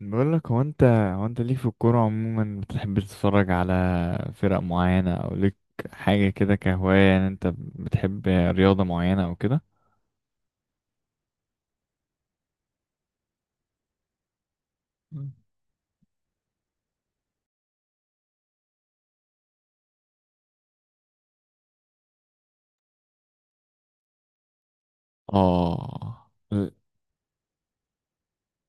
بقول لك هو انت ليك في الكورة عموما بتحب تتفرج على فرق معينة او ليك حاجة كده كهواية، يعني انت بتحب رياضة معينة او كده؟ مم. اه،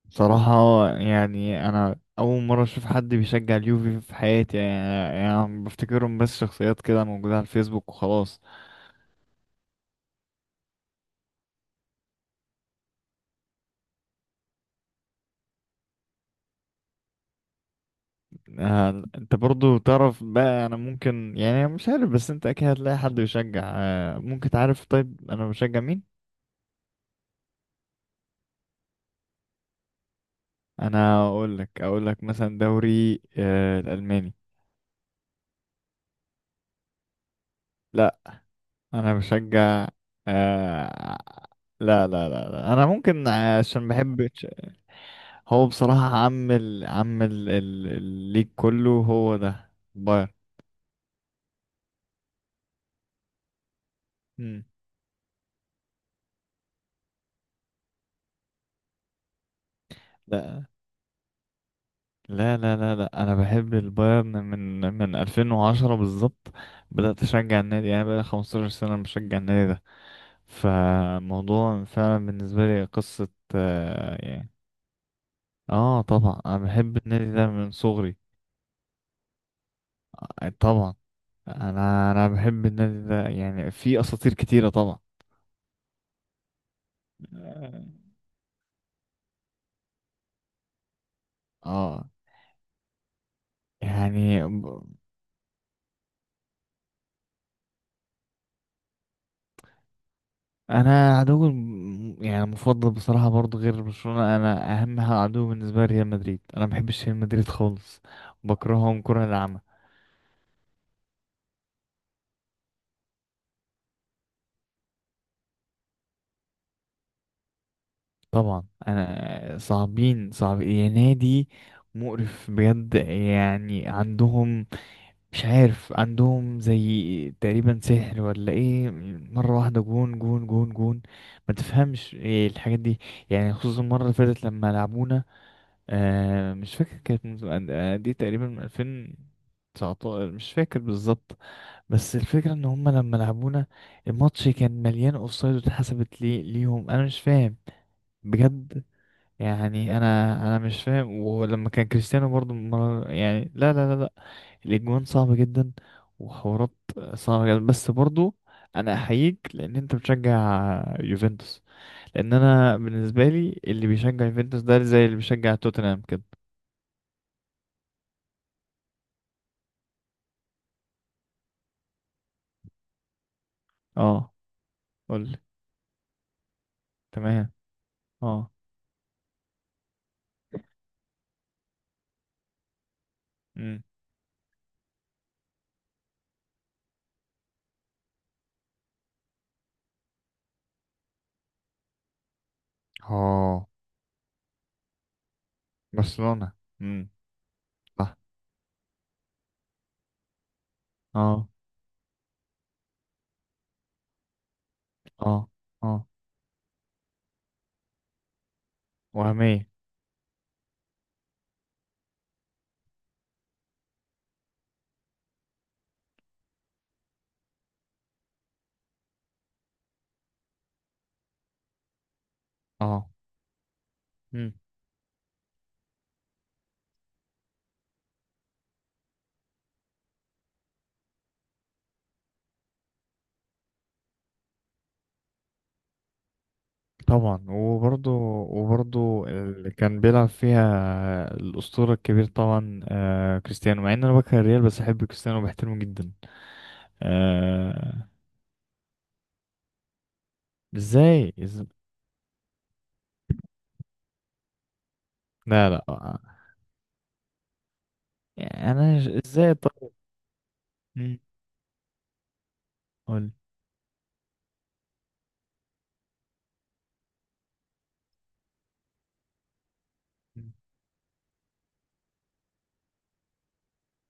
بصراحة يعني انا اول مرة اشوف حد بيشجع اليوفي في حياتي، يعني بفتكرهم بس شخصيات كده موجودة على الفيسبوك وخلاص. آه، انت برضو تعرف بقى، انا ممكن يعني مش عارف، بس انت اكيد هتلاقي حد بيشجع، ممكن تعرف طيب انا بشجع مين؟ انا اقول لك مثلا دوري الالماني. لا، انا بشجع، آه لا لا لا, لا. انا ممكن عشان بحب هو بصراحة الليج كله هو ده بايرن. مم. لا لا لا لا لا، انا بحب البايرن من 2010 بالظبط، بدأت اشجع النادي يعني بقى 15 سنة بشجع النادي ده. فموضوع فعلا بالنسبة لي قصة، آه يعني. اه، طبعا انا بحب النادي ده من صغري. آه، طبعا انا بحب النادي ده، يعني في اساطير كتيرة طبعا. آه، اه يعني انا عدو يعني مفضل بصراحة، برضو غير برشلونة انا اهم عدو بالنسبة لي ريال مدريد، انا ما بحبش ريال مدريد خالص. بكرههم كره العمى، طبعا انا صعبين، صعب يا نادي. مقرف بجد، يعني عندهم، مش عارف عندهم زي تقريبا سحر ولا ايه؟ مرة واحدة جون جون جون جون، ما تفهمش ايه الحاجات دي. يعني خصوصا المرة اللي فاتت لما لعبونا، آه مش فاكر، كانت دي تقريبا من 2019، مش فاكر بالظبط. بس الفكرة ان هما لما لعبونا الماتش كان مليان اوفسايد واتحسبت لي ليهم، انا مش فاهم بجد. يعني انا مش فاهم، ولما كان كريستيانو برضو مرة يعني، لا لا لا، الاجوان صعبة جدا وحوارات صعبة جدا. بس برضو انا احييك، لان انت بتشجع يوفنتوس، لان انا بالنسبة لي اللي بيشجع يوفنتوس ده زي اللي بيشجع توتنهام كده. اه، قولي. تمام. اه. امم. اه. برشلونة. امم. صح. اه، اه، اه. وهمية. اه، طبعا. وبرضه، وبرضه اللي كان بيلعب فيها الأسطورة الكبير طبعا، آه كريستيانو، مع ان انا بكره الريال بس احب كريستيانو وبحترمه جدا. آه، ازاي لا لا، آه. يعني انا ازاي طب؟ مم، قول.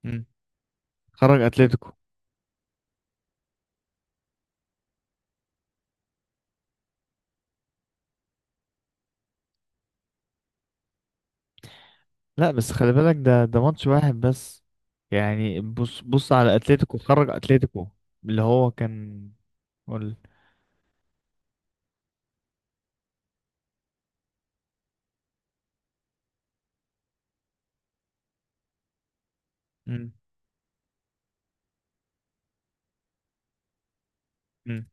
مم. خرج اتلتيكو. لا بس خلي بالك ده ماتش واحد بس. يعني بص بص على اتلتيكو، خرج اتلتيكو. اللي هو كان، قول. مم، مم،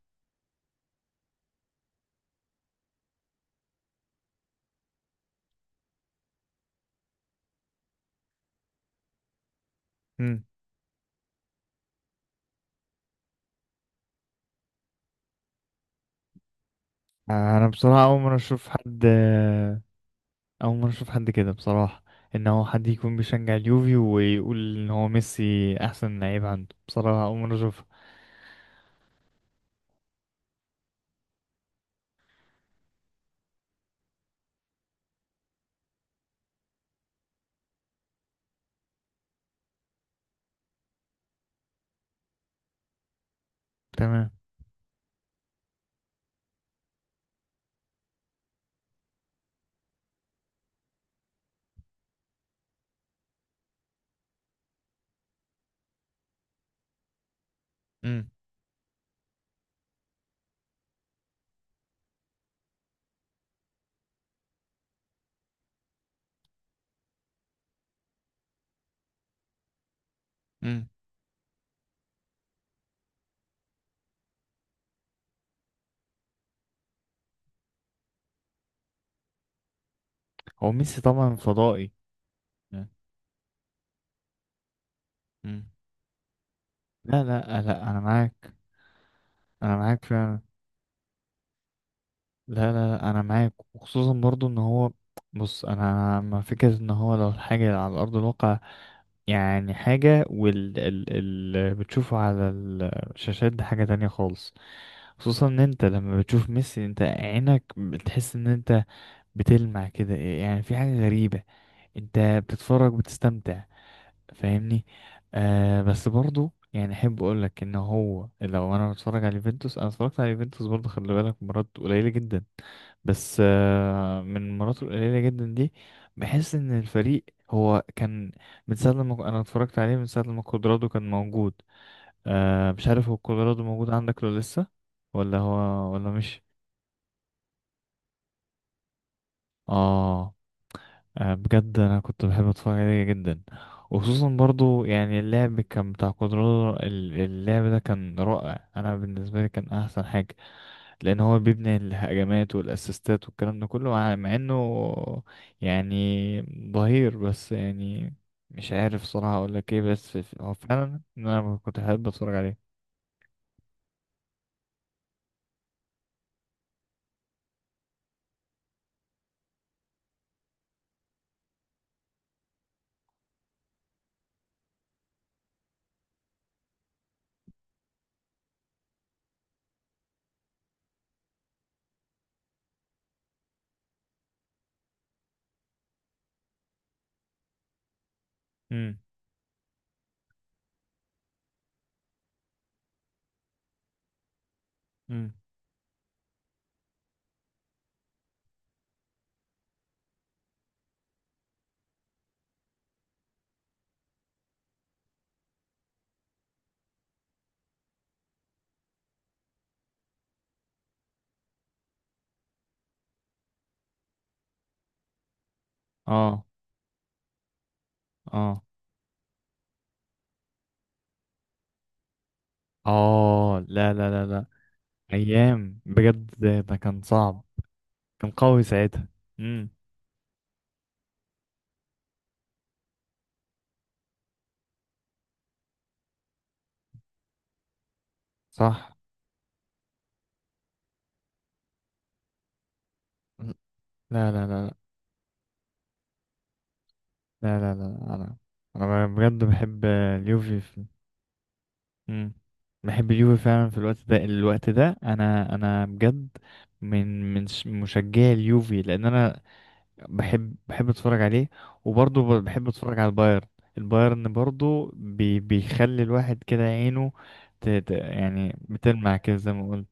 مم. آه، انا بصراحة اول مرة اشوف حد، أول مرة أشوف حد كده بصراحة، إن هو حد يكون بيشجع اليوفي ويقول إن هو ميسي أحسن لعيب عنده، بصراحة أول مرة أشوفها. تمام. امم. امم. هو ميسي طبعا فضائي. امم. لا لا لا، أنا معاك. أنا معاك فعلا. لا لا لا، انا معاك، وخصوصا برضو ان هو، بص، انا مع فكرة ان هو لو الحاجة على ارض الواقع يعني حاجة، وال ال ال بتشوفه على الشاشات دي حاجة تانية خالص. خصوصا ان انت لما بتشوف ميسي انت عينك بتحس ان انت بتلمع كده، يعني في حاجة غريبة، انت بتتفرج، بتستمتع، فاهمني؟ آه، بس برضو يعني احب اقول لك ان هو، لو انا بتفرج على يوفنتوس، انا اتفرجت على يوفنتوس برضو خلي بالك مرات قليله جدا. بس آه من المرات القليله جدا دي بحس ان الفريق هو كان من ساعه لما انا اتفرجت عليه، من ساعه لما كودرادو كان موجود. آه مش عارف هو كودرادو موجود عندك ولا لسه، ولا هو ولا مش؟ اه. آه، بجد انا كنت بحب اتفرج عليه جدا، وخصوصا برضو يعني اللعب كان بتاع كودرادو، اللعب ده كان رائع، انا بالنسبه لي كان احسن حاجه، لان هو بيبني الهجمات والاسيستات والكلام ده كله، مع انه يعني ظهير بس، يعني مش عارف صراحه اقول لك ايه، بس هو فعلا انا كنت بحب اتفرج عليه. امم. امم. اه، اه، اه. لا لا لا لا. ايام بجد، ده كان صعب. كان قوي ساعتها. صح. لا لا لا لا، لا لا لا، انا بجد بحب اليوفي في... مم. بحب اليوفي فعلا في الوقت ده، الوقت ده انا بجد من مشجعي اليوفي، لان انا بحب اتفرج عليه، وبرضه بحب اتفرج على البايرن. البايرن برضه بيخلي الواحد كده عينه، يعني بتلمع كده زي ما قلت.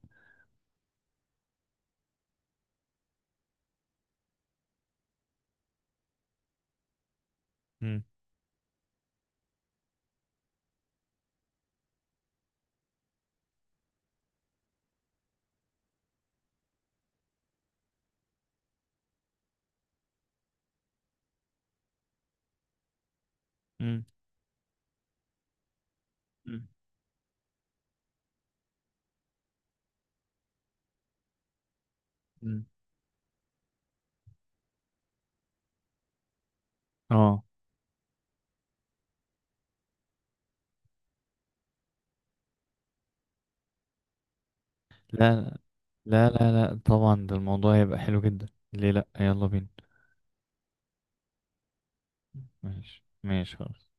مم. مم. مم. مم. اه. لا لا لا لا، طبعا ده الموضوع هيبقى حلو جدا، ليه لا، يلا بينا. ماشي ماشي خلاص.